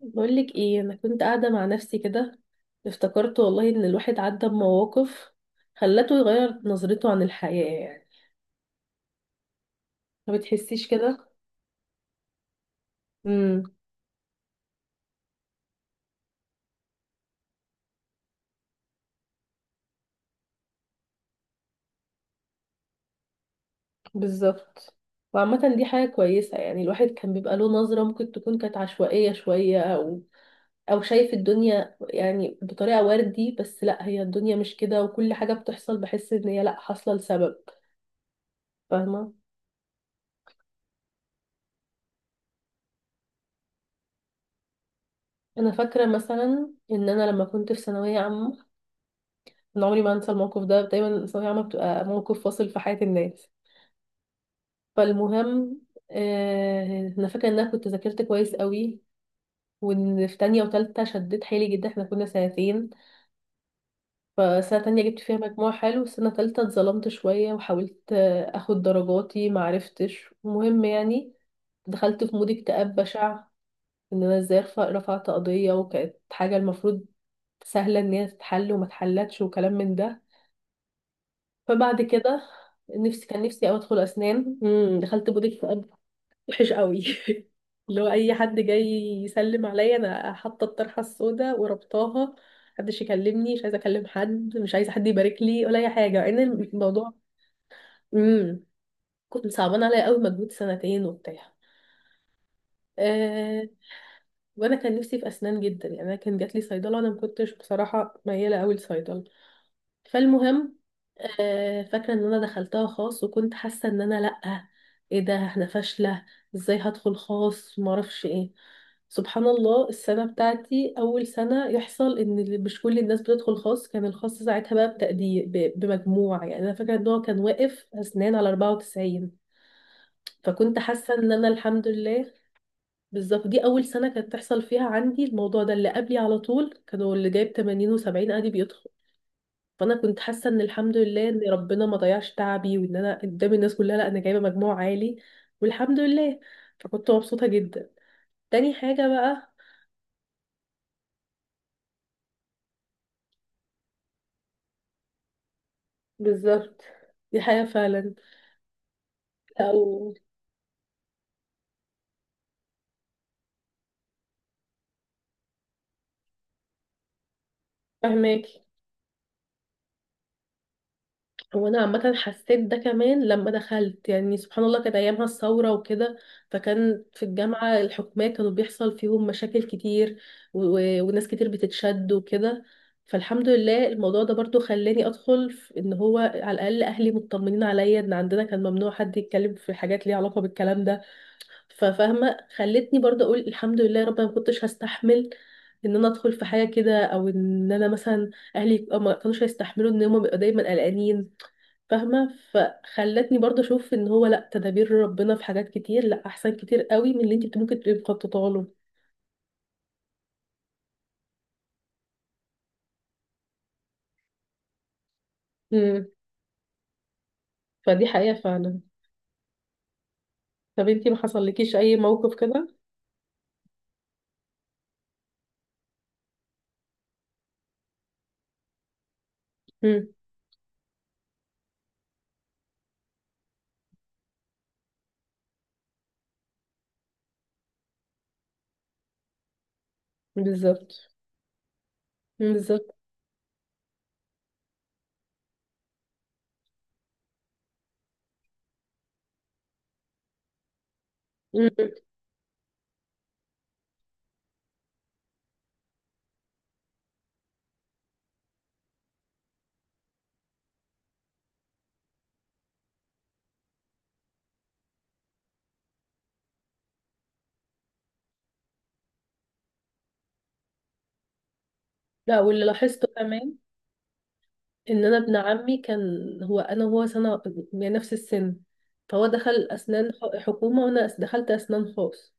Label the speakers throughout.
Speaker 1: بقولك ايه، انا كنت قاعده مع نفسي كده. افتكرت والله ان الواحد عدى بمواقف خلته يغير نظرته عن الحياه يعني. ما بتحسيش كده؟ امم. بالظبط. وعامه دي حاجه كويسه يعني. الواحد كان بيبقى له نظره ممكن تكون كانت عشوائيه شويه او شايف الدنيا يعني بطريقه وردي، بس لا، هي الدنيا مش كده، وكل حاجه بتحصل بحس ان هي لا، حاصله لسبب. فاهمه. انا فاكره مثلا ان انا لما كنت في ثانويه عامه، أنا عمري ما أنسى الموقف ده. دايما الثانوية عامة بتبقى موقف فاصل في حياة الناس. فالمهم، آه، أنا فاكرة إن أنا كنت ذاكرت كويس قوي، وإن في تانية وتالتة شديت حيلي جدا. إحنا كنا سنتين، فسنة تانية جبت فيها مجموع حلو، سنة تالتة اتظلمت شوية وحاولت أخد درجاتي، معرفتش. المهم يعني دخلت في مود اكتئاب بشع، ان انا ازاي رفعت قضية، وكانت حاجة المفروض سهلة ان هي تتحل وما اتحلتش وكلام من ده. فبعد كده نفسي، كان نفسي أوي أدخل أسنان، دخلت بوتيك فؤاد وحش قوي. اللي هو أي حد جاي يسلم عليا، أنا حاطة الطرحة السوداء وربطاها، محدش يكلمني، مش عايزة أكلم حد، مش عايزة حد يبارك لي ولا أي حاجة، مع إن الموضوع مم. كنت صعبان عليا قوي مجهود سنتين وبتاع. أه... وأنا كان نفسي في أسنان جدا يعني. أنا كان جاتلي صيدلة، أنا ما كنتش بصراحة ميالة قوي لصيدلة. فالمهم، فاكرة ان انا دخلتها خاص، وكنت حاسة ان انا، لأ، ايه ده، احنا فاشلة، ازاي هدخل خاص، معرفش ايه. سبحان الله السنة بتاعتي أول سنة يحصل إن مش كل الناس بتدخل خاص. كان الخاص ساعتها بقى بتقدير بمجموع يعني. أنا فاكرة إن هو كان واقف أسنان على 94. فكنت حاسة إن أنا الحمد لله. بالظبط. دي أول سنة كانت تحصل فيها عندي الموضوع ده، اللي قبلي على طول كانوا اللي جايب 80 و70 عادي. فانا كنت حاسه ان الحمد لله ان ربنا ما ضيعش تعبي، وان انا قدام الناس كلها، لا، انا جايبه مجموع عالي والحمد لله. فكنت مبسوطه جدا. تاني حاجه بقى، بالظبط، دي حاجه فعلا. او فهماك. هو انا عامه حسيت ده كمان لما دخلت. يعني سبحان الله كانت ايامها الثوره وكده، فكان في الجامعه الحكوميه كانوا بيحصل فيهم مشاكل كتير وناس كتير بتتشد وكده. فالحمد لله الموضوع ده برضو خلاني ادخل في ان هو على الاقل اهلي مطمنين عليا. ان عندنا كان ممنوع حد يتكلم في حاجات ليها علاقه بالكلام ده. ففاهمه، خلتني برضو اقول الحمد لله يا رب. أنا ما كنتش هستحمل ان انا ادخل في حاجه كده، او ان انا مثلا اهلي ما كانوش هيستحملوا ان هم بيبقوا دايما قلقانين. فاهمة؟ فخلتني برضه اشوف ان هو، لا، تدابير ربنا في حاجات كتير لا، احسن كتير قوي من اللي انت ممكن تبقي مخططه له. امم. فدي حقيقة فعلا. طب انت ما حصلكيش اي موقف كده؟ امم. بالظبط. مم، بالظبط. مم. لا، واللي لاحظته كمان ان انا ابن عمي كان، هو انا وهو سنة يعني، نفس السن. فهو دخل اسنان حكومة، وانا دخلت اسنان خاص.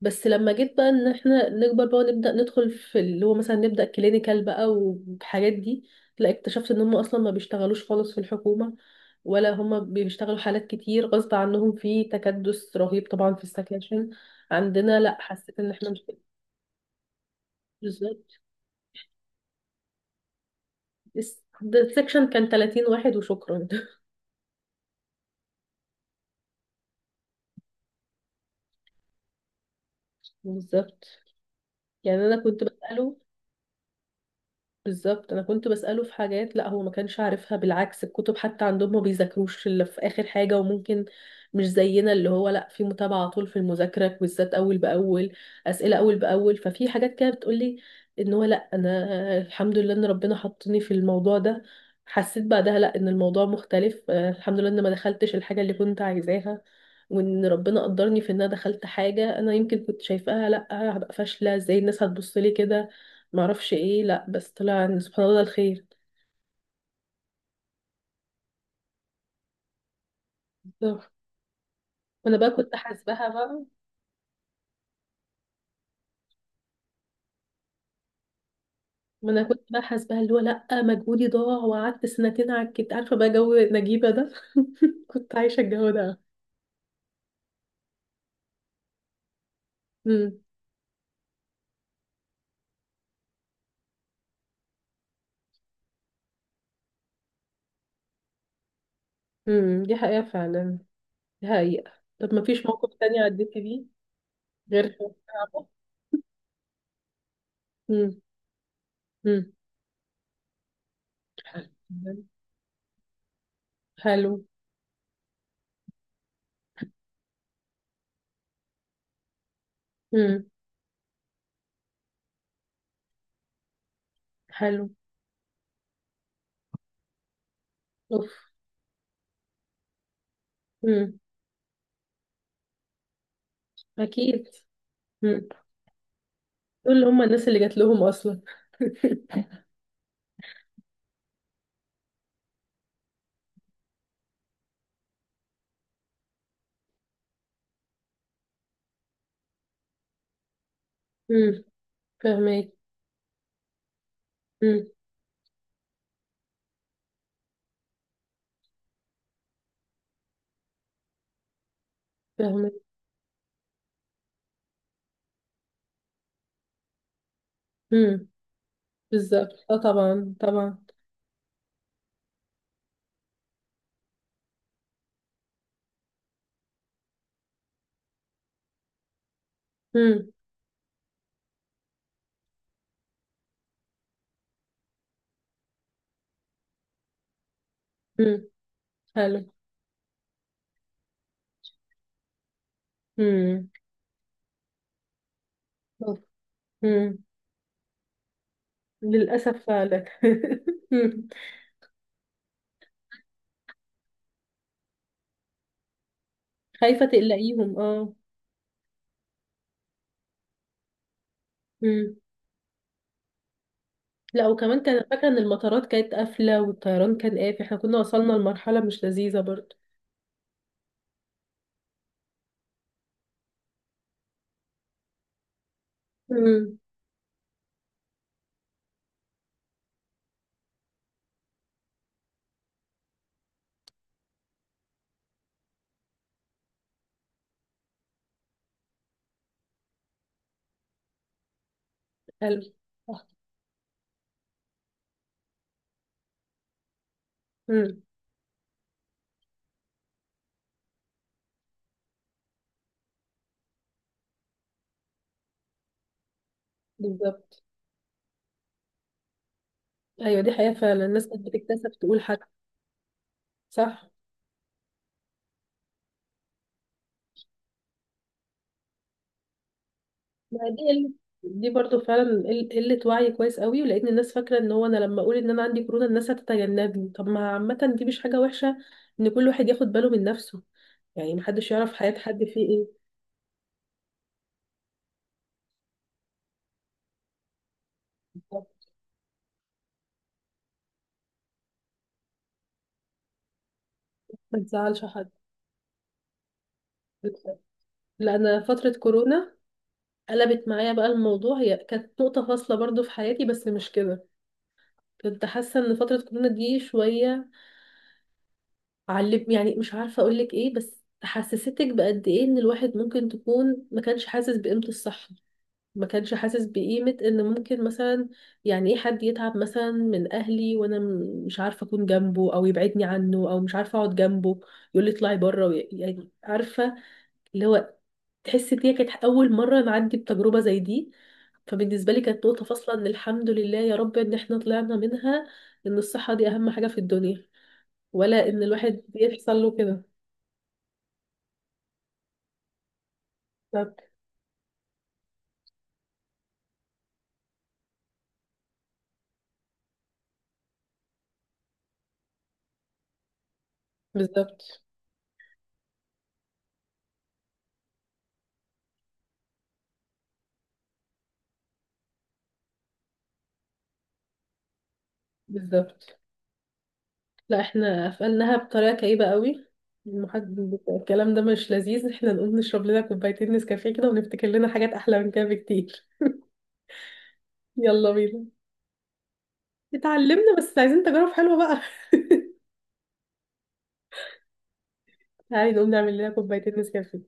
Speaker 1: بس لما جيت بقى ان احنا نكبر بقى ونبدا ندخل في اللي هو مثلا نبدا كلينيكال بقى والحاجات دي، لا، اكتشفت ان هم اصلا ما بيشتغلوش خالص في الحكومه، ولا هم بيشتغلوا حالات كتير غصب عنهم في تكدس رهيب طبعا في السكاشن. عندنا لا، حسيت ان احنا مش كده. بالظبط. ده السكشن كان 30 واحد وشكرا. بالظبط. يعني انا كنت بساله. بالظبط انا كنت بساله في حاجات لا، هو ما كانش عارفها. بالعكس، الكتب حتى عندهم ما بيذاكروش الا في اخر حاجه، وممكن مش زينا اللي هو، لا، في متابعه على طول في المذاكره بالذات اول باول، اسئله اول باول. ففي حاجات كده بتقولي ان هو، لا، انا الحمد لله ان ربنا حطني في الموضوع ده. حسيت بعدها، لا، ان الموضوع مختلف. الحمد لله ان ما دخلتش الحاجه اللي كنت عايزاها، وان ربنا قدرني في ان انا دخلت حاجه انا يمكن كنت شايفاها، لا، هبقى فاشله، ازاي الناس هتبص لي كده، معرفش ايه. لا، بس طلع ان سبحان الله ده الخير. وانا بقى كنت حاسباها بقى. ما انا كنت بقى حاسباها اللي هو، لا، مجهودي ضاع وقعدت سنتين على الكت. عارفه بقى جو نجيبه ده. كنت عايشه الجو ده. امم. امم، دي حقيقه فعلا. دي حقيقه. طب ما فيش موقف تاني عديتي بيه؟ غير صعبه. امم. امم. حلو. امم. حلو. اوف. امم. اكيد. امم. دول اللي هم الناس اللي جات لهم اصلا. امم. فاهمك. امم. فاهمك. بالظبط، اه طبعا طبعا. امم. امم. حلو. امم. امم. للاسف فعلا. مم. خايفه تقلقيهم، اه. امم. لا، وكمان كان فاكره ان المطارات كانت قافله والطيران كان قافل. احنا كنا وصلنا لمرحله مش لذيذه برضه. امم. حلو. صح. امم. بالظبط. ايوه دي حقيقه فعلا، الناس كانت بتكتسب تقول حاجه. صح. ما دي قلة. دي برضو فعلا قلة وعي كويس قوي. ولقيت إن الناس فاكرة ان هو انا لما اقول ان انا عندي كورونا الناس هتتجنبني. طب ما عامة دي مش حاجة وحشة ان كل واحد ياخد باله من نفسه. يعني محدش يعرف حياة حد فيه ايه. بالظبط. ما تزعلش حد. لا، انا فترة كورونا قلبت معايا بقى الموضوع. هي كانت نقطة فاصلة برضو في حياتي، بس مش كده. كنت حاسة ان فترة كورونا دي شوية علم، يعني مش عارفة اقولك ايه، بس حسستك بقد ايه ان الواحد ممكن تكون ما كانش حاسس بقيمة الصحة. ما كانش حاسس بقيمة ان ممكن مثلا، يعني ايه حد يتعب مثلا من اهلي، وانا مش عارفة اكون جنبه، او يبعدني عنه، او مش عارفة اقعد جنبه، يقول لي اطلعي بره يعني عارفة، اللي هو، تحس ان هي كانت اول مرة نعدي بتجربة زي دي. فبالنسبة لي كانت نقطة فاصلة ان الحمد لله يا رب ان احنا طلعنا منها. ان الصحة دي اهم حاجة في الدنيا، ولا ان الواحد يحصل له كده. بالظبط. بالظبط. بالظبط. لا، احنا قفلناها بطريقه كئيبه قوي. المحد الكلام ده مش لذيذ، احنا نقوم نشرب لنا كوبايتين نسكافيه كده ونفتكر لنا حاجات احلى من كده بكتير. يلا بينا. اتعلمنا، بس عايزين تجارب حلوه بقى. تعالي نقوم نعمل لنا كوبايتين نسكافيه.